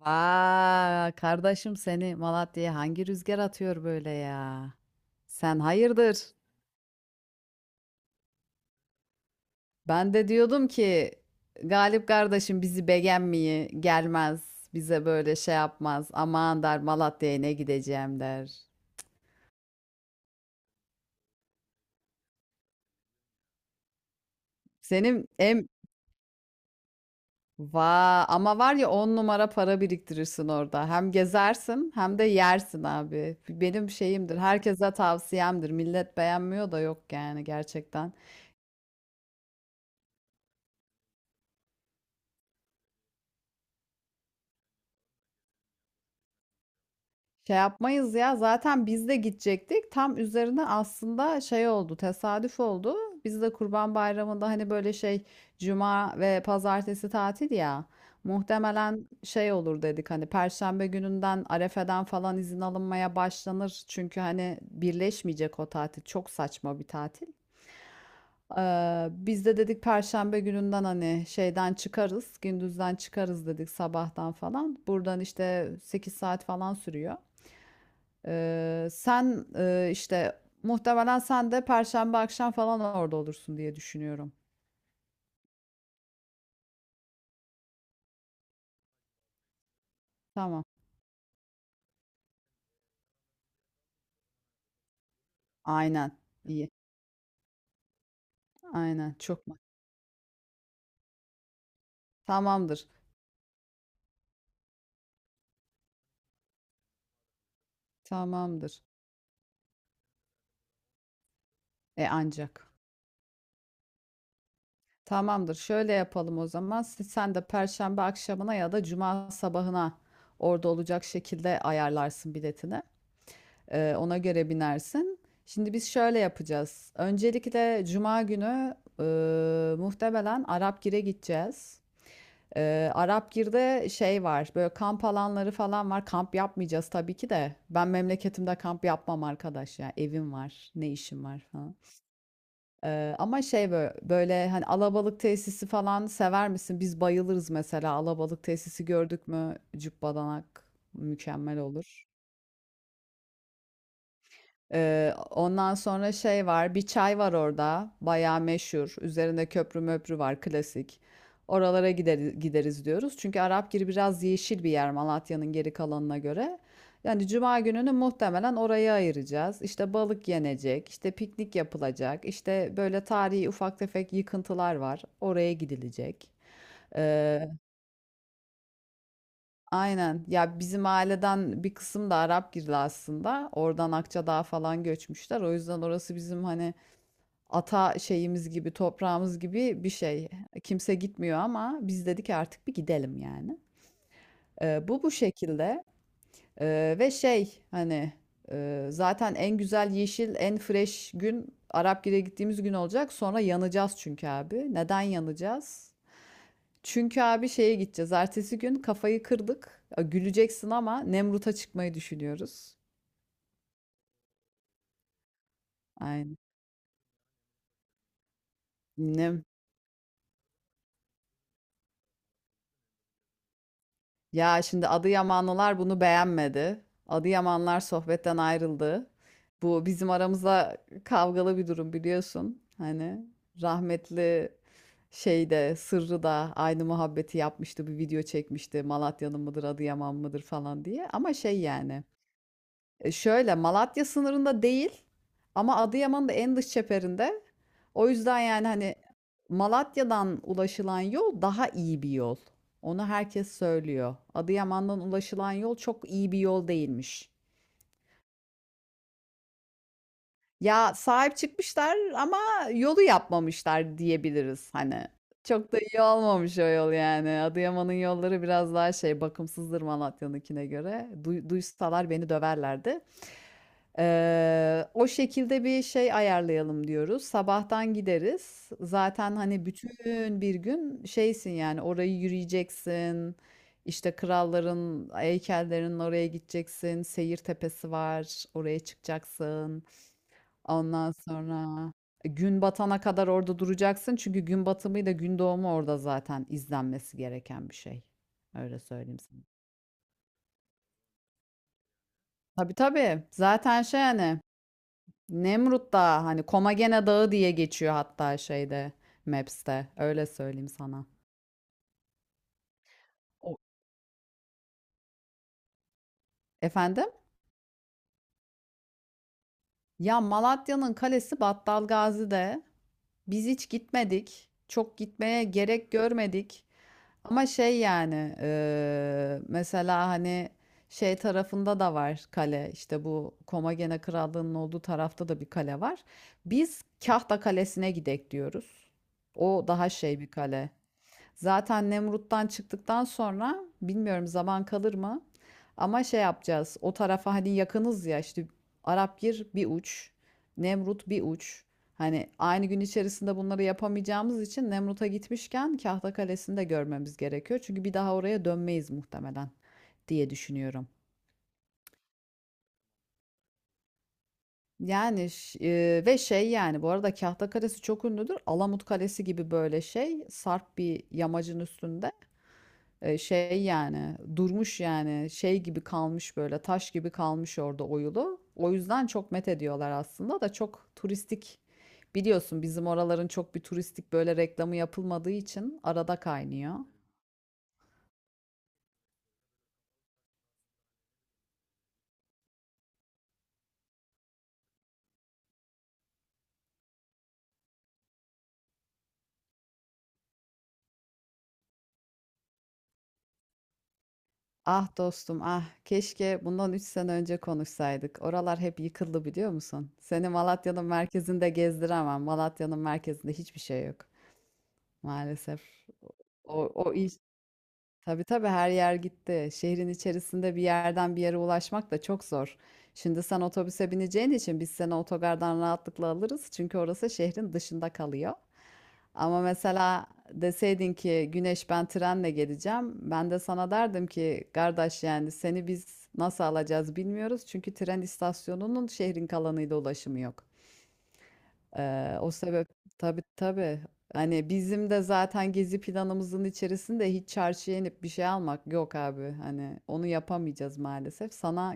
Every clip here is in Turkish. Vaa kardeşim seni Malatya'ya hangi rüzgar atıyor böyle ya? Sen hayırdır? Ben de diyordum ki Galip kardeşim bizi beğenmeyi gelmez. Bize böyle şey yapmaz. Aman der Malatya'ya ne gideceğim der. Senin va ama var ya on numara para biriktirirsin orada. Hem gezersin hem de yersin abi. Benim şeyimdir. Herkese tavsiyemdir. Millet beğenmiyor da yok yani gerçekten. Şey yapmayız ya zaten biz de gidecektik. Tam üzerine aslında şey oldu, tesadüf oldu. Biz de Kurban Bayramı'nda hani böyle şey cuma ve pazartesi tatil ya. Muhtemelen şey olur dedik hani Perşembe gününden Arefe'den falan izin alınmaya başlanır. Çünkü hani birleşmeyecek o tatil. Çok saçma bir tatil. Biz de dedik Perşembe gününden hani şeyden çıkarız, gündüzden çıkarız dedik sabahtan falan. Buradan işte 8 saat falan sürüyor. Sen işte muhtemelen sen de Perşembe akşam falan orada olursun diye düşünüyorum. Tamam. Aynen. İyi. Aynen. Çok mu? Tamamdır. Tamamdır. E ancak. Tamamdır. Şöyle yapalım o zaman. Sen de Perşembe akşamına ya da Cuma sabahına orada olacak şekilde ayarlarsın biletini. Ona göre binersin. Şimdi biz şöyle yapacağız. Öncelikle Cuma günü muhtemelen Arapgir'e gideceğiz. Arapgir'de şey var böyle kamp alanları falan var, kamp yapmayacağız tabii ki de, ben memleketimde kamp yapmam arkadaş ya, evim var ne işim var falan. Ama şey böyle, böyle hani alabalık tesisi falan sever misin, biz bayılırız mesela alabalık tesisi gördük mü cübbadanak mükemmel olur. Ondan sonra şey var, bir çay var orada, bayağı meşhur. Üzerinde köprü möprü var, klasik. Oralara gideriz, gideriz diyoruz. Çünkü Arapgiri biraz yeşil bir yer Malatya'nın geri kalanına göre. Yani cuma gününü muhtemelen oraya ayıracağız. İşte balık yenecek, işte piknik yapılacak, işte böyle tarihi ufak tefek yıkıntılar var. Oraya gidilecek. Ee, aynen. Ya bizim aileden bir kısım da Arap girdi aslında. Oradan Akçadağ falan göçmüşler. O yüzden orası bizim hani ata şeyimiz gibi, toprağımız gibi bir şey. Kimse gitmiyor ama biz dedik artık bir gidelim yani. Bu şekilde. Ve şey hani, zaten en güzel yeşil, en fresh gün Arapgir'e gittiğimiz gün olacak. Sonra yanacağız çünkü abi. Neden yanacağız? Çünkü abi şeye gideceğiz. Ertesi gün kafayı kırdık. Ya, güleceksin ama Nemrut'a çıkmayı düşünüyoruz. Aynen. Nem- Ya şimdi Adıyamanlılar bunu beğenmedi. Adıyamanlar sohbetten ayrıldı. Bu bizim aramızda kavgalı bir durum biliyorsun. Hani rahmetli şey de Sırrı da aynı muhabbeti yapmıştı. Bir video çekmişti. Malatya'nın mıdır, Adıyaman mıdır falan diye. Ama şey yani. Şöyle Malatya sınırında değil ama Adıyaman'ın da en dış çeperinde. O yüzden yani hani Malatya'dan ulaşılan yol daha iyi bir yol. Onu herkes söylüyor. Adıyaman'dan ulaşılan yol çok iyi bir yol değilmiş. Ya sahip çıkmışlar ama yolu yapmamışlar diyebiliriz hani. Çok da iyi olmamış o yol yani. Adıyaman'ın yolları biraz daha şey bakımsızdır Malatya'nınkine göre. Duysalar beni döverlerdi. O şekilde bir şey ayarlayalım diyoruz. Sabahtan gideriz. Zaten hani bütün bir gün şeysin yani, orayı yürüyeceksin. İşte kralların heykellerinin oraya gideceksin. Seyir tepesi var. Oraya çıkacaksın. Ondan sonra gün batana kadar orada duracaksın. Çünkü gün batımıyla gün doğumu orada zaten izlenmesi gereken bir şey. Öyle söyleyeyim sana. Tabii tabii. Zaten şey hani Nemrut Dağı hani Komagene Dağı diye geçiyor hatta şeyde Maps'te. Öyle söyleyeyim sana. O- Efendim? Ya Malatya'nın kalesi Battalgazi'de. Biz hiç gitmedik. Çok gitmeye gerek görmedik. Ama şey yani mesela hani şey tarafında da var kale, işte bu Komagene Krallığı'nın olduğu tarafta da bir kale var. Biz Kahta Kalesi'ne gidek diyoruz. O daha şey bir kale. Zaten Nemrut'tan çıktıktan sonra bilmiyorum zaman kalır mı? Ama şey yapacağız. O tarafa hani yakınız ya, işte Arapgir bir uç, Nemrut bir uç. Hani aynı gün içerisinde bunları yapamayacağımız için Nemrut'a gitmişken Kahta Kalesi'ni de görmemiz gerekiyor. Çünkü bir daha oraya dönmeyiz muhtemelen diye düşünüyorum. Yani ve şey yani bu arada Kahta Kalesi çok ünlüdür. Alamut Kalesi gibi böyle şey sarp bir yamacın üstünde. Şey yani durmuş yani şey gibi kalmış böyle taş gibi kalmış orada oyulu. O yüzden çok met ediyorlar aslında da çok turistik, biliyorsun bizim oraların çok bir turistik böyle reklamı yapılmadığı için arada kaynıyor. Ah dostum ah keşke bundan 3 sene önce konuşsaydık. Oralar hep yıkıldı biliyor musun? Seni Malatya'nın merkezinde gezdiremem. Malatya'nın merkezinde hiçbir şey yok maalesef. O, o iş Tabii tabii her yer gitti. Şehrin içerisinde bir yerden bir yere ulaşmak da çok zor. Şimdi sen otobüse bineceğin için biz seni otogardan rahatlıkla alırız. Çünkü orası şehrin dışında kalıyor. Ama mesela deseydin ki Güneş ben trenle geleceğim. Ben de sana derdim ki kardeş yani seni biz nasıl alacağız bilmiyoruz. Çünkü tren istasyonunun şehrin kalanıyla ulaşımı yok. O sebep Tabii tabii. Hani bizim de zaten gezi planımızın içerisinde hiç çarşıya inip bir şey almak yok abi. Hani onu yapamayacağız maalesef. Sana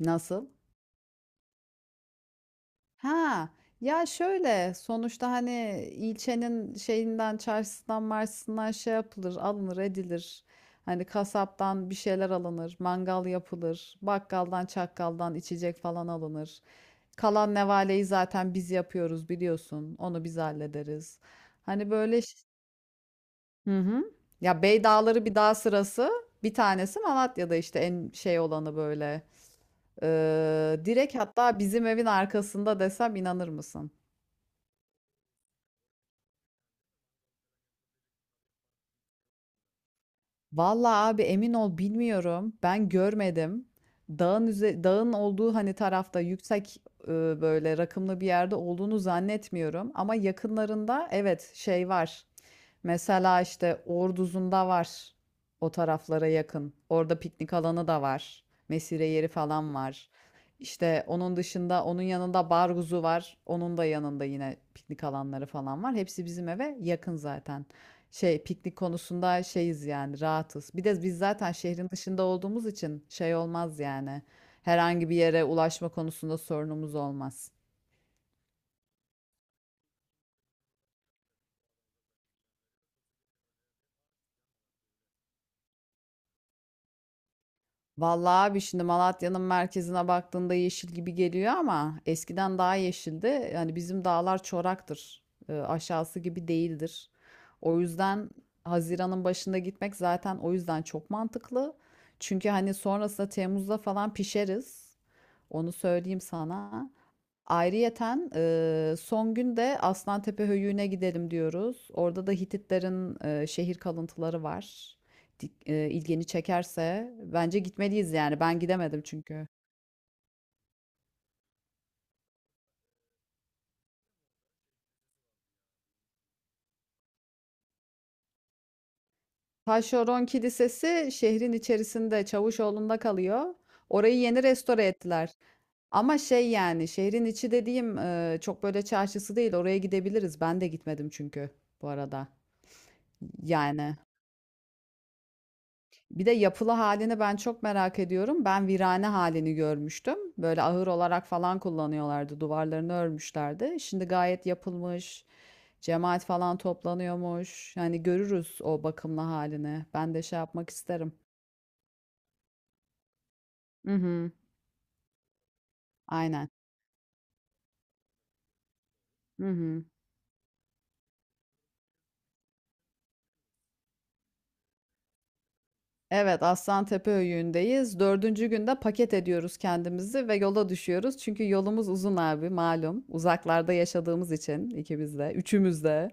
nasıl? Ha, ya şöyle sonuçta hani ilçenin şeyinden çarşısından marşısından şey yapılır alınır edilir. Hani kasaptan bir şeyler alınır, mangal yapılır, bakkaldan çakkaldan içecek falan alınır. Kalan nevaleyi zaten biz yapıyoruz biliyorsun. Onu biz hallederiz. Hani böyle ş- hı hı. Ya Bey Dağları bir dağ sırası, bir tanesi Malatya'da işte en şey olanı böyle. Direkt hatta bizim evin arkasında desem inanır mısın? Vallahi abi emin ol bilmiyorum. Ben görmedim. Dağın olduğu hani tarafta yüksek e, böyle rakımlı bir yerde olduğunu zannetmiyorum ama yakınlarında evet şey var. Mesela işte Orduzun'da var. O taraflara yakın. Orada piknik alanı da var. Mesire yeri falan var. İşte onun dışında onun yanında Barguzu var. Onun da yanında yine piknik alanları falan var. Hepsi bizim eve yakın zaten. Şey piknik konusunda şeyiz yani, rahatız. Bir de biz zaten şehrin dışında olduğumuz için şey olmaz yani. Herhangi bir yere ulaşma konusunda sorunumuz olmaz. Vallahi abi şimdi Malatya'nın merkezine baktığında yeşil gibi geliyor ama eskiden daha yeşildi. Yani bizim dağlar çoraktır. Aşağısı gibi değildir. O yüzden Haziran'ın başında gitmek zaten o yüzden çok mantıklı. Çünkü hani sonrasında Temmuz'da falan pişeriz. Onu söyleyeyim sana. Ayrıyeten son gün de Aslantepe Höyüğü'ne gidelim diyoruz. Orada da Hititlerin şehir kalıntıları var. İlgini çekerse bence gitmeliyiz yani. Ben gidemedim çünkü. Taşeron Kilisesi şehrin içerisinde Çavuşoğlu'nda kalıyor. Orayı yeni restore ettiler. Ama şey yani şehrin içi dediğim çok böyle çarşısı değil. Oraya gidebiliriz. Ben de gitmedim çünkü bu arada. Yani. Bir de yapılı halini ben çok merak ediyorum. Ben virane halini görmüştüm. Böyle ahır olarak falan kullanıyorlardı. Duvarlarını örmüşlerdi. Şimdi gayet yapılmış. Cemaat falan toplanıyormuş. Yani görürüz o bakımlı halini. Ben de şey yapmak isterim. Hı hı. Aynen. Hı hı. Evet, Aslantepe Höyüğü'ndeyiz. Dördüncü günde paket ediyoruz kendimizi ve yola düşüyoruz. Çünkü yolumuz uzun abi malum. Uzaklarda yaşadığımız için ikimiz de, üçümüz de.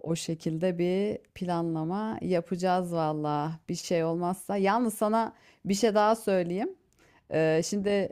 O şekilde bir planlama yapacağız valla. Bir şey olmazsa. Yalnız sana bir şey daha söyleyeyim. Şimdi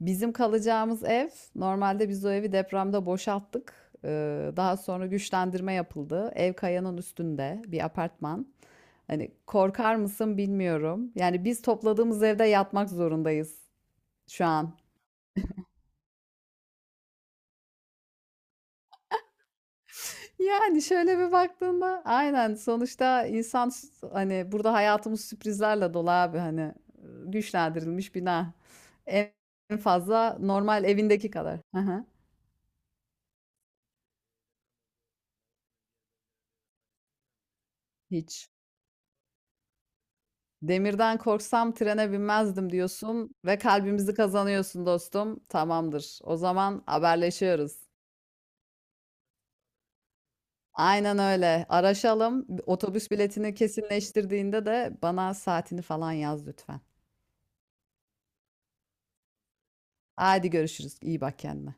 bizim kalacağımız ev, normalde biz o evi depremde boşalttık. Daha sonra güçlendirme yapıldı. Ev kayanın üstünde bir apartman. Hani korkar mısın bilmiyorum. Yani biz topladığımız evde yatmak zorundayız şu an. Yani şöyle bir baktığında aynen sonuçta insan hani burada hayatımız sürprizlerle dolu abi hani güçlendirilmiş bina. En en fazla normal evindeki kadar. Hı hı. Hiç. Demirden korksam trene binmezdim diyorsun ve kalbimizi kazanıyorsun dostum. Tamamdır. O zaman haberleşiyoruz. Aynen öyle. Araşalım. Otobüs biletini kesinleştirdiğinde de bana saatini falan yaz lütfen. Haydi görüşürüz. İyi bak kendine.